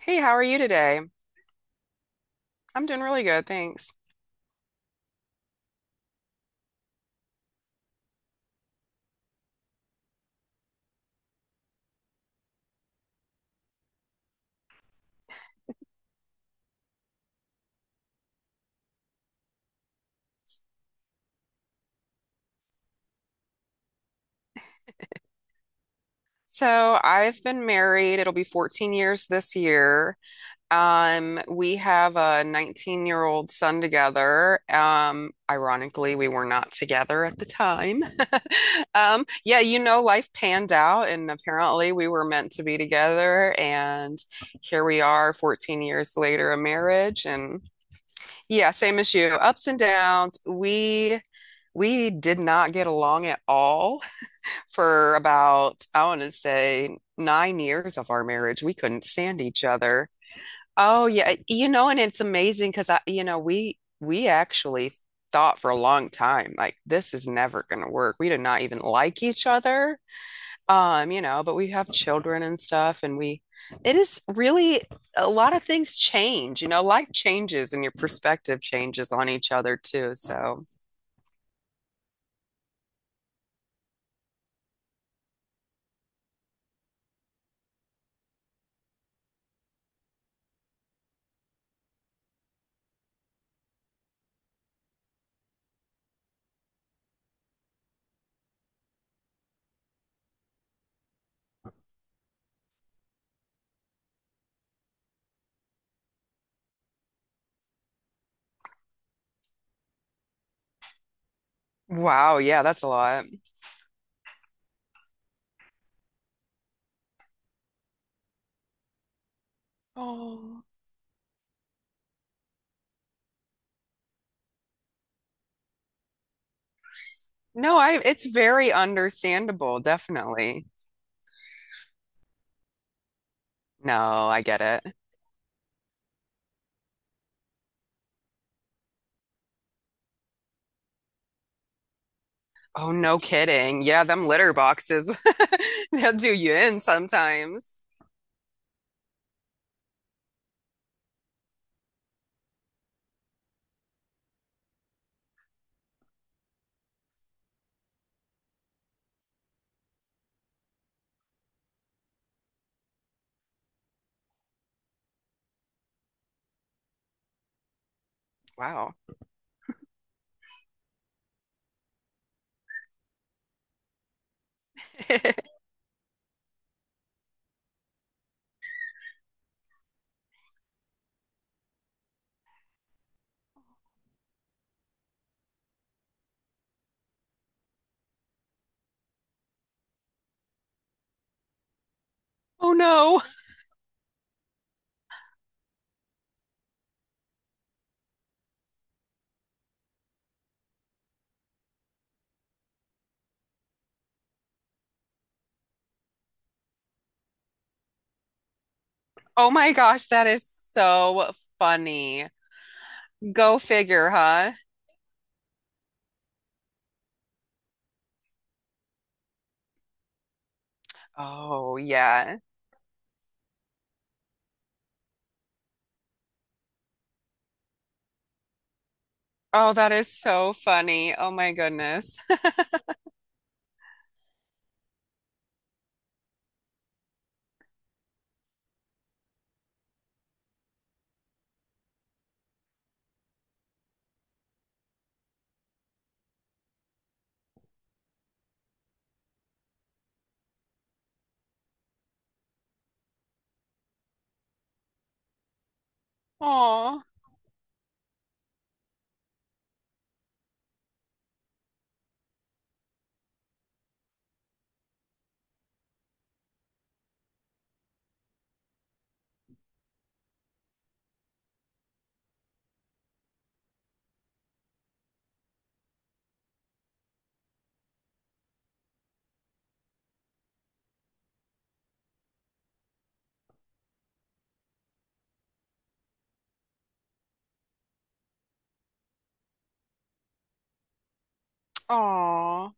Hey, how are you today? I'm doing really good, thanks. So, I've been married. It'll be 14 years this year. We have a 19-year-old son together. Ironically, we were not together at the time. Life panned out, and apparently we were meant to be together, and here we are 14 years later, a marriage, and yeah, same as you, ups and downs. We did not get along at all for about, I want to say, 9 years of our marriage. We couldn't stand each other. Oh yeah, and it's amazing because I, you know, we actually thought for a long time like this is never going to work. We did not even like each other. But we have children and stuff, and we it is really a lot of things change. You know, life changes and your perspective changes on each other too. So, wow, yeah, that's a lot. Oh. No, I it's very understandable, definitely. No, I get it. Oh, no kidding. Yeah, them litter boxes. They'll do you in sometimes. Wow. Oh no. Oh my gosh, that is so funny. Go figure, huh? Oh, yeah. Oh, that is so funny. Oh my goodness. Oh, oh.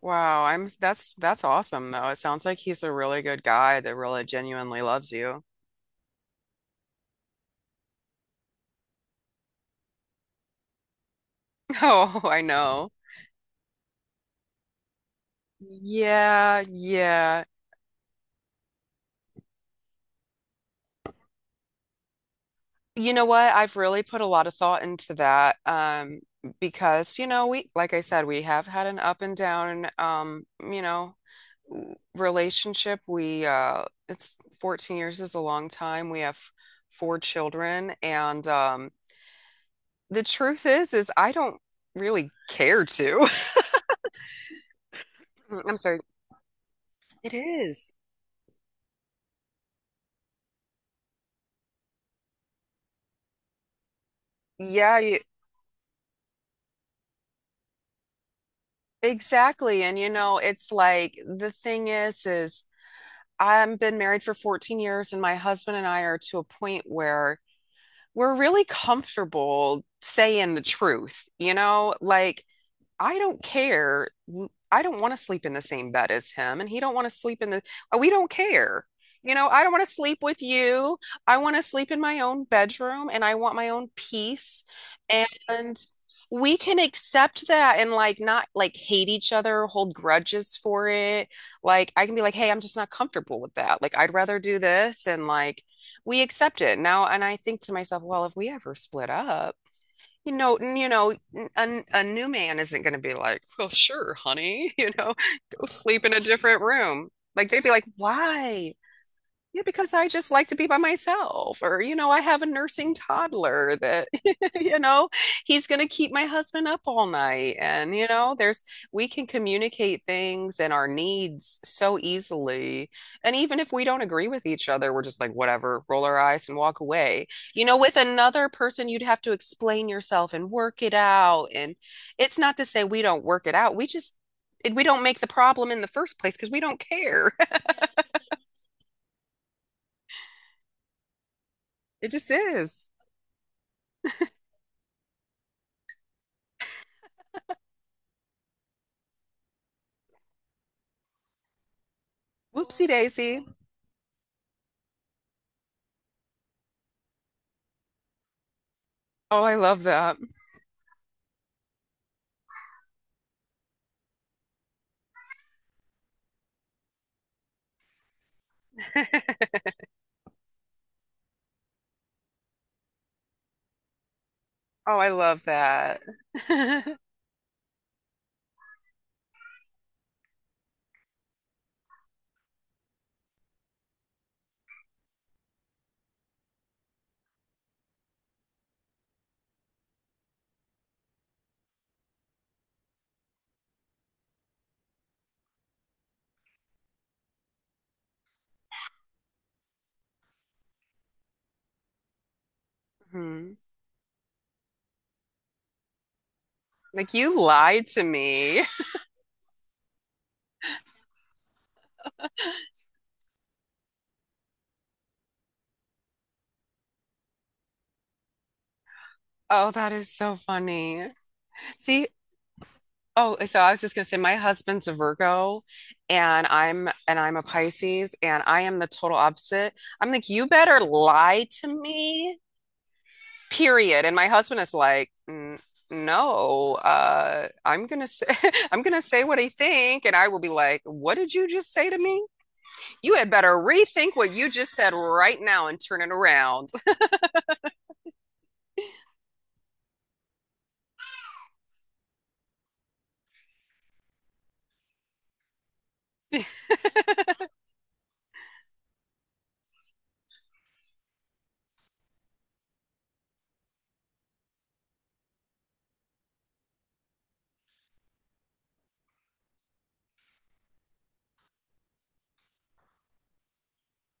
Wow, I'm that's awesome though. It sounds like he's a really good guy that really genuinely loves you. Oh, I know. Yeah, yeah. You know what? I've really put a lot of thought into that. Because, you know, like I said, we have had an up and down. Relationship. It's 14 years is a long time. We have four children. And The truth is I don't really care to. I'm sorry. It is. Yeah, you, exactly. And you know, it's like the thing is. I've been married for 14 years, and my husband and I are to a point where we're really comfortable saying the truth, you know? Like, I don't care. I don't want to sleep in the same bed as him, and he don't want to sleep in we don't care. You know, I don't want to sleep with you. I want to sleep in my own bedroom and I want my own peace. And we can accept that and like not like hate each other, hold grudges for it. Like I can be like, hey, I'm just not comfortable with that. Like I'd rather do this. And like we accept it now. And I think to myself, well, if we ever split up, a new man isn't going to be like, well, sure, honey, you know, go sleep in a different room. Like they'd be like, why? Yeah, because I just like to be by myself, or, you know, I have a nursing toddler that, you know, he's going to keep my husband up all night. And, you know, there's, We can communicate things and our needs so easily. And even if we don't agree with each other, we're just like, whatever, roll our eyes and walk away. You know, with another person, you'd have to explain yourself and work it out. And it's not to say we don't work it out. We don't make the problem in the first place because we don't care. It just is. Whoopsie daisy. Oh, I love that. Oh, I love that. Hmm. Like you lied to me. Oh, that is so funny. See, oh, I was just gonna say my husband's a Virgo and I'm a Pisces and I am the total opposite. I'm like, you better lie to me, period. And my husband is like, " no, I'm gonna say I'm gonna say what I think," and I will be like, what did you just say to me? You had better rethink what you just said right now and turn it around.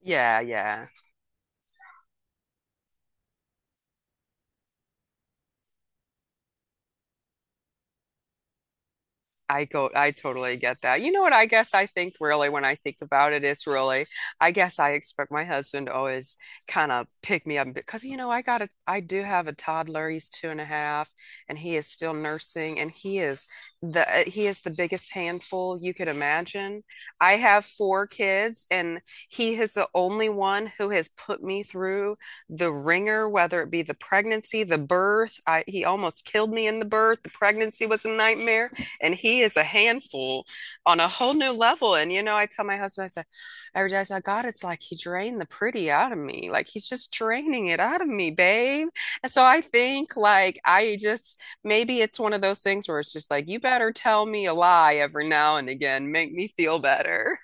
Yeah, yeah. I totally get that. You know what? I guess I think really when I think about it, it's really, I guess I expect my husband to always kind of pick me up because, you know, I do have a toddler. He's two and a half and he is still nursing and he is he is the biggest handful you could imagine. I have four kids and he is the only one who has put me through the ringer, whether it be the pregnancy, the birth. He almost killed me in the birth. The pregnancy was a nightmare and he is a handful on a whole new level. And you know, I tell my husband, I said, every day I said, God, it's like he drained the pretty out of me. Like he's just draining it out of me, babe. And so I think like I just maybe it's one of those things where it's just like, you better tell me a lie every now and again, make me feel better.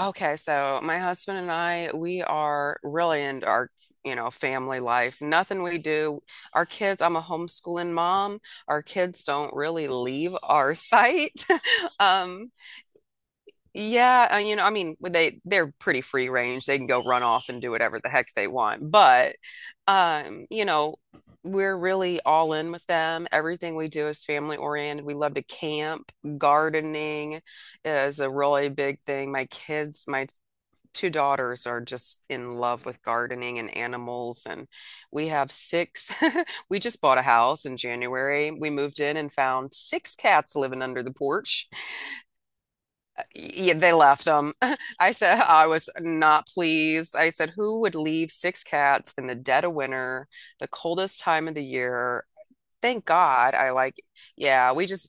Okay, so my husband and I, we are really into our, you know, family life. Nothing we do, Our kids, I'm a homeschooling mom. Our kids don't really leave our site. Um, yeah, you know, I mean, they they're pretty free range. They can go run off and do whatever the heck they want. But you know, we're really all in with them. Everything we do is family oriented. We love to camp, gardening is a really big thing. My two daughters are just in love with gardening and animals and we have six. We just bought a house in January. We moved in and found six cats living under the porch. Yeah, they left them. I said I was not pleased. I said who would leave six cats in the dead of winter, the coldest time of the year? Thank God I like, yeah,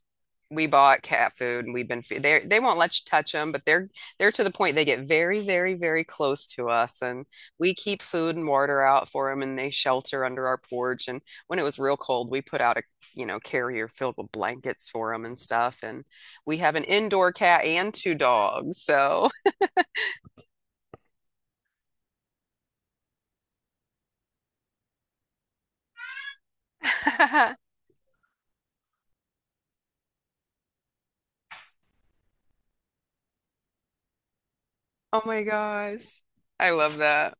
we bought cat food and we've been they won't let you touch them, but they're to the point they get very, very, very close to us and we keep food and water out for them and they shelter under our porch. And when it was real cold, we put out a you know carrier filled with blankets for them and stuff. And we have an indoor cat and two dogs. So, oh my gosh. I love that.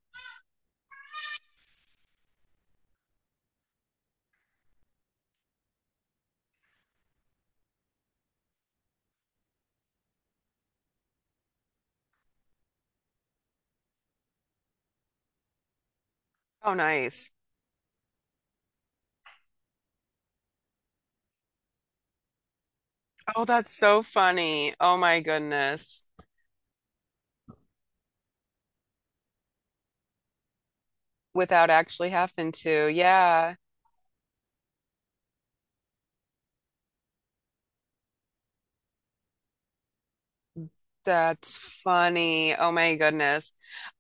Oh, nice. Oh, that's so funny. Oh my goodness. Without actually having to. Yeah. That's funny. Oh my goodness.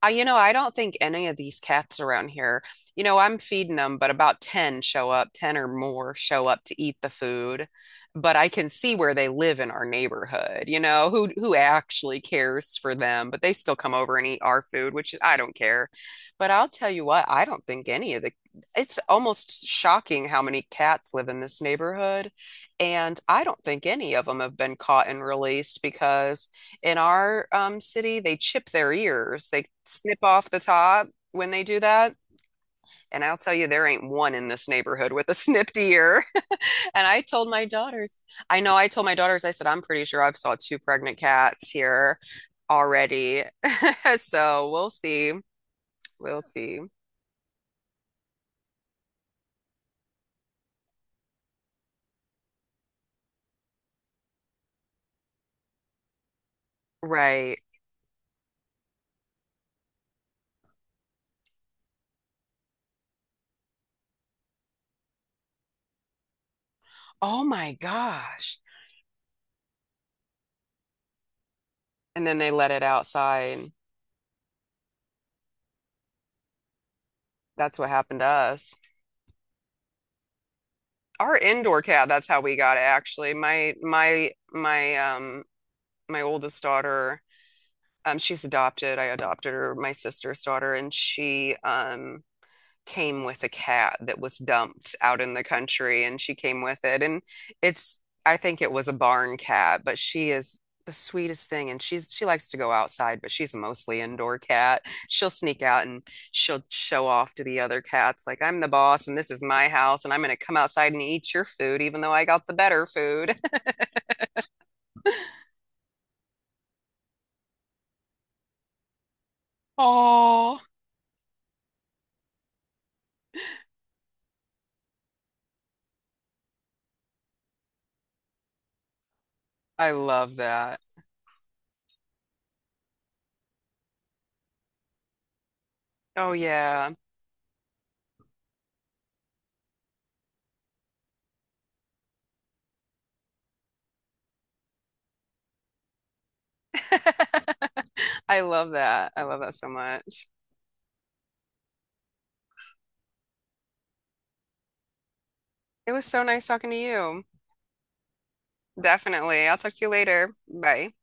I, you know, I don't think any of these cats around here, you know, I'm feeding them, but about 10 show up, 10 or more show up to eat the food. But I can see where they live in our neighborhood, you know, who actually cares for them, but they still come over and eat our food, which I don't care. But I'll tell you what, I don't think any of the It's almost shocking how many cats live in this neighborhood, and I don't think any of them have been caught and released because in our city, they chip their ears. They snip off the top when they do that. And I'll tell you, there ain't one in this neighborhood with a snipped ear. And I told my daughters, I told my daughters, I said, I'm pretty sure I've saw two pregnant cats here already. So we'll see. We'll see. Right. Oh my gosh. And then they let it outside. That's what happened to us. Our indoor cat, that's how we got it actually. My oldest daughter, she's adopted. I adopted her, my sister's daughter, and she came with a cat that was dumped out in the country, and she came with it. And it's, I think it was a barn cat, but she is the sweetest thing. And she likes to go outside, but she's a mostly indoor cat. She'll sneak out and she'll show off to the other cats, like, I'm the boss, and this is my house, and I'm going to come outside and eat your food, even though I got the better food. Oh, I love that. Oh, yeah. I love that. I love that so much. It was so nice talking to you. Definitely. I'll talk to you later. Bye.